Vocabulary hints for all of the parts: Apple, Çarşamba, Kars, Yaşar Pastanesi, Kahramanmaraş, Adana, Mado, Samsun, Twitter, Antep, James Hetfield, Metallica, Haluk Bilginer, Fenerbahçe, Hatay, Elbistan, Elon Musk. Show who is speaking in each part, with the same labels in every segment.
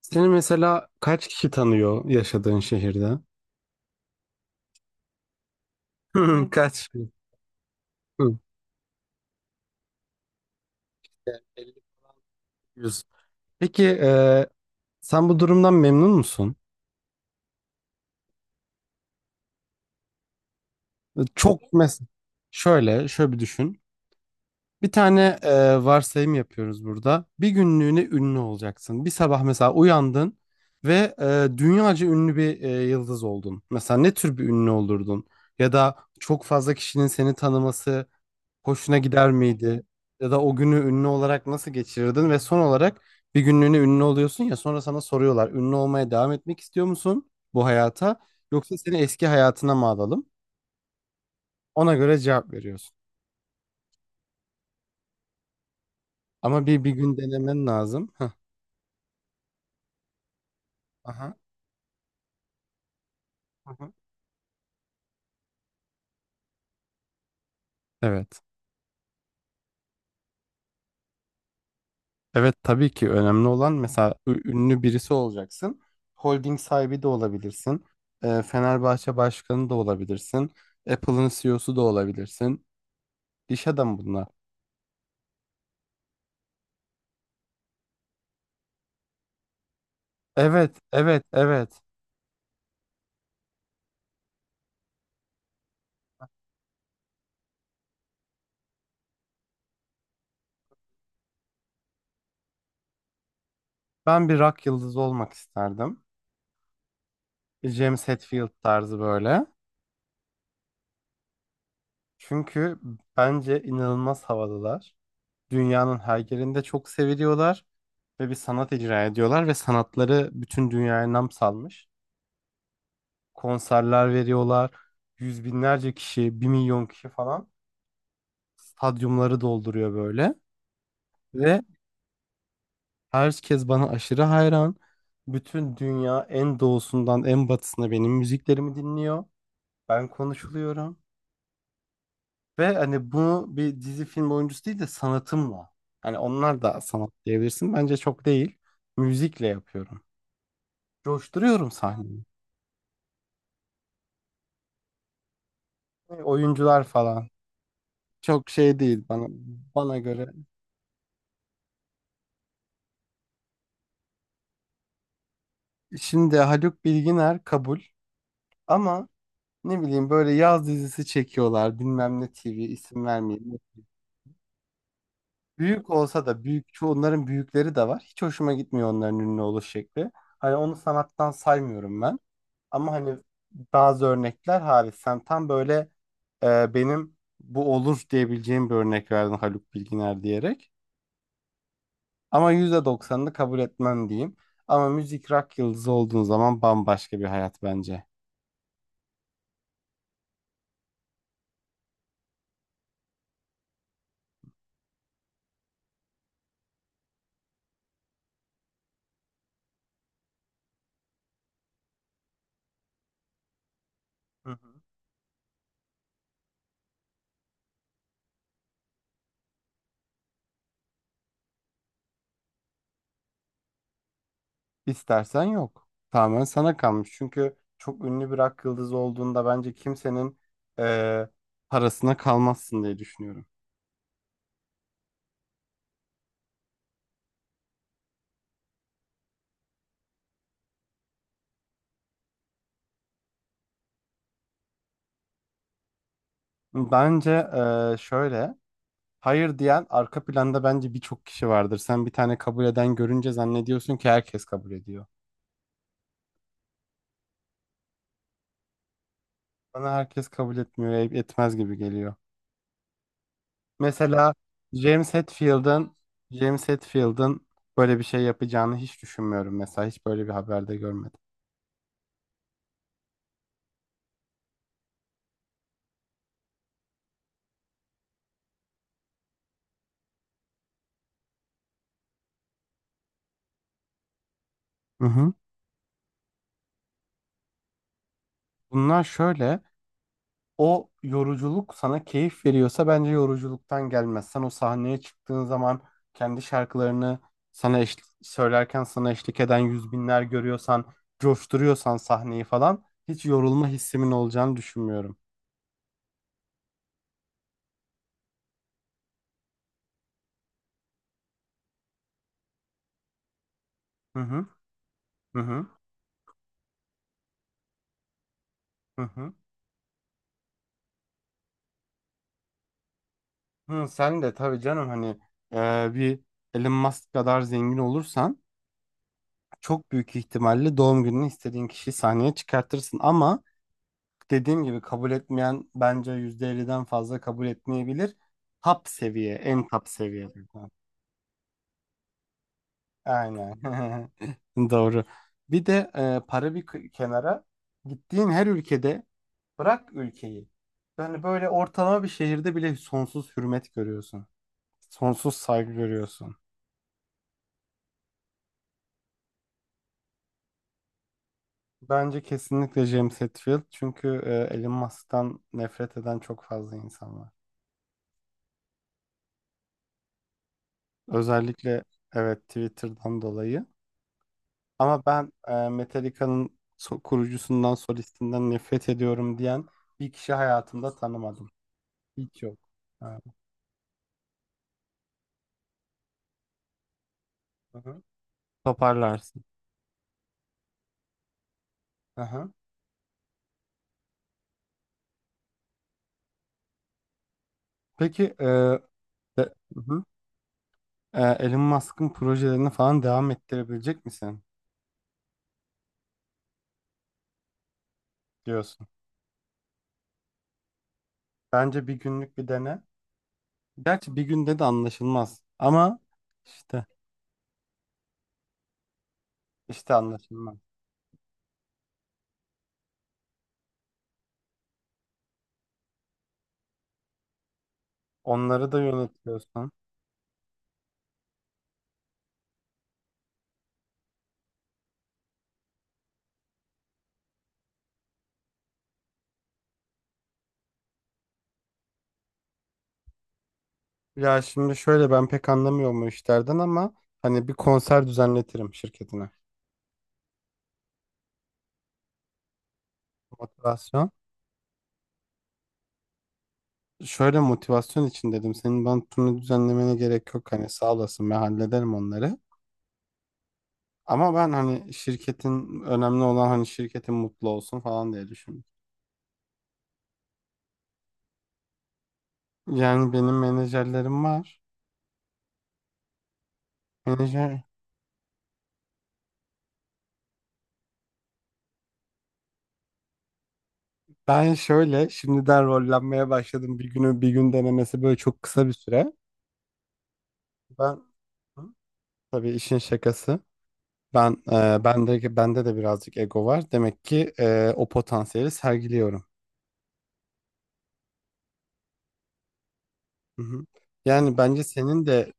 Speaker 1: Seni mesela kaç kişi tanıyor yaşadığın şehirde? Kaç? Hı. Yani 50, 100. Peki sen bu durumdan memnun musun? Çok mesela şöyle bir düşün. Bir tane varsayım yapıyoruz burada. Bir günlüğüne ünlü olacaksın. Bir sabah mesela uyandın ve dünyaca ünlü bir yıldız oldun. Mesela ne tür bir ünlü olurdun? Ya da çok fazla kişinin seni tanıması hoşuna gider miydi? Ya da o günü ünlü olarak nasıl geçirirdin? Ve son olarak bir günlüğüne ünlü oluyorsun ya, sonra sana soruyorlar. Ünlü olmaya devam etmek istiyor musun bu hayata? Yoksa seni eski hayatına mı alalım? Ona göre cevap veriyorsun. Ama bir gün denemen lazım. Heh. Aha. Aha. Evet. Evet, tabii ki önemli olan, mesela ünlü birisi olacaksın. Holding sahibi de olabilirsin. Fenerbahçe başkanı da olabilirsin. Apple'ın CEO'su da olabilirsin. İş adamı bunlar. Evet, evet, evet. Ben bir rock yıldızı olmak isterdim. Bir James Hetfield tarzı böyle. Çünkü bence inanılmaz havalılar. Dünyanın her yerinde çok seviliyorlar ve bir sanat icra ediyorlar ve sanatları bütün dünyaya nam salmış. Konserler veriyorlar. Yüz binlerce kişi, bir milyon kişi falan stadyumları dolduruyor böyle. Ve herkes bana aşırı hayran. Bütün dünya en doğusundan en batısına benim müziklerimi dinliyor. Ben konuşuluyorum ve hani bunu bir dizi film oyuncusu değil de sanatımla. Hani onlar da sanat diyebilirsin. Bence çok değil. Müzikle yapıyorum. Coşturuyorum sahneyi. Oyuncular falan. Çok şey değil bana bana göre. Şimdi Haluk Bilginer kabul ama ne bileyim, böyle yaz dizisi çekiyorlar. Bilmem ne TV, isim vermeyeyim. Büyük olsa da, büyük çoğu onların büyükleri de var. Hiç hoşuma gitmiyor onların ünlü oluş şekli. Hani onu sanattan saymıyorum ben. Ama hani bazı örnekler hariç sen tam böyle benim bu olur diyebileceğim bir örnek verdin, Haluk Bilginer diyerek. Ama %90'ını kabul etmem diyeyim. Ama müzik, rock yıldızı olduğun zaman bambaşka bir hayat bence. Hı hı. İstersen yok. Tamamen sana kalmış. Çünkü çok ünlü bir rock yıldızı olduğunda bence kimsenin e, parasına kalmazsın diye düşünüyorum. Bence şöyle. Hayır diyen, arka planda bence birçok kişi vardır. Sen bir tane kabul eden görünce zannediyorsun ki herkes kabul ediyor. Bana herkes kabul etmiyor, etmez gibi geliyor. Mesela James Hetfield'ın James Hetfield'ın böyle bir şey yapacağını hiç düşünmüyorum mesela. Hiç böyle bir haberde görmedim. Hı hı. Bunlar şöyle. O yoruculuk sana keyif veriyorsa bence yoruculuktan gelmez. Sen o sahneye çıktığın zaman kendi şarkılarını sana söylerken, sana eşlik eden yüz binler görüyorsan, coşturuyorsan sahneyi falan, hiç yorulma hissimin olacağını düşünmüyorum. Hı hı, hı hı, hı hı. Hı, sen de tabii canım, hani bir Elon Musk kadar zengin olursan çok büyük ihtimalle doğum gününü istediğin kişiyi sahneye çıkartırsın, ama dediğim gibi kabul etmeyen bence %50'den fazla kabul etmeyebilir. Top seviye, en top seviye. Aynen. Doğru. Bir de para bir kenara, gittiğin her ülkede, bırak ülkeyi. Yani böyle ortalama bir şehirde bile sonsuz hürmet görüyorsun. Sonsuz saygı görüyorsun. Bence kesinlikle James Hetfield, çünkü Elon Musk'tan nefret eden çok fazla insan var. Özellikle, evet, Twitter'dan dolayı. Ama ben Metallica'nın kurucusundan, solistinden nefret ediyorum diyen bir kişi hayatımda tanımadım. Hiç yok. Ha, hı hı. Toparlarsın. Hı. Peki, hı hı. Elon Musk'ın projelerini falan devam ettirebilecek misin diyorsun. Bence bir günlük bir dene. Gerçi bir günde de anlaşılmaz. Ama işte, anlaşılmaz. Onları da yönetiyorsun. Ya şimdi şöyle, ben pek anlamıyorum o işlerden ama hani bir konser düzenletirim şirketine. Motivasyon. Şöyle, motivasyon için dedim. Senin bana turnu düzenlemene gerek yok. Hani sağ olasın, ben hallederim onları. Ama ben hani şirketin, önemli olan hani şirketin mutlu olsun falan diye düşündüm. Yani benim menajerlerim var. Menajer. Ben şöyle şimdiden rollenmeye başladım. Bir günü bir gün denemesi, böyle çok kısa bir süre. Ben. Hı? Tabii, işin şakası. Ben bende de birazcık ego var. Demek ki o potansiyeli sergiliyorum. Hı hı. Yani bence senin de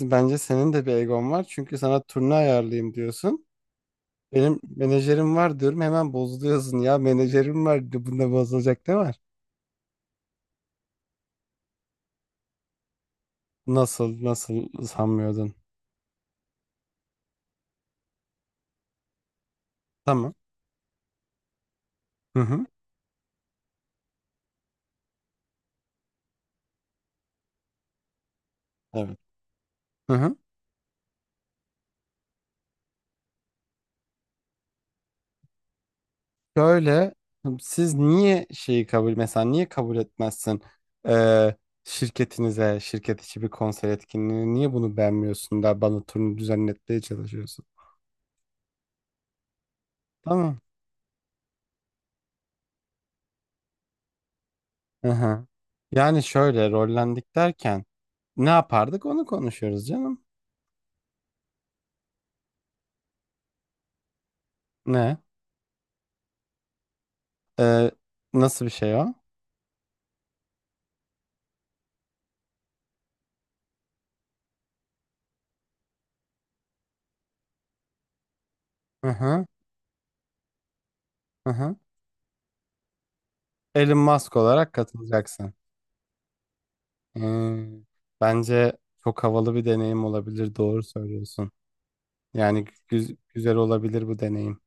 Speaker 1: Bence senin de bir egon var. Çünkü sana turne ayarlayayım diyorsun. Benim menajerim var diyorum. Hemen bozuluyorsun. Ya menajerim var. Bunda bozulacak ne var? Nasıl sanmıyordun? Tamam. Hı hı. Evet. Hı hı. Şöyle, siz niye şeyi kabul, mesela niye kabul etmezsin? Ee, şirketinize şirket içi bir konser etkinliğini, niye bunu beğenmiyorsun da bana turnu düzenletmeye çalışıyorsun? Tamam. Hı hı. Yani şöyle rollendik derken, ne yapardık onu konuşuyoruz canım. Ne? Ee, nasıl bir şey o? Hı hı, hı hı. Elon Musk olarak katılacaksın. Hmm. Bence çok havalı bir deneyim olabilir. Doğru söylüyorsun. Yani güzel olabilir bu deneyim.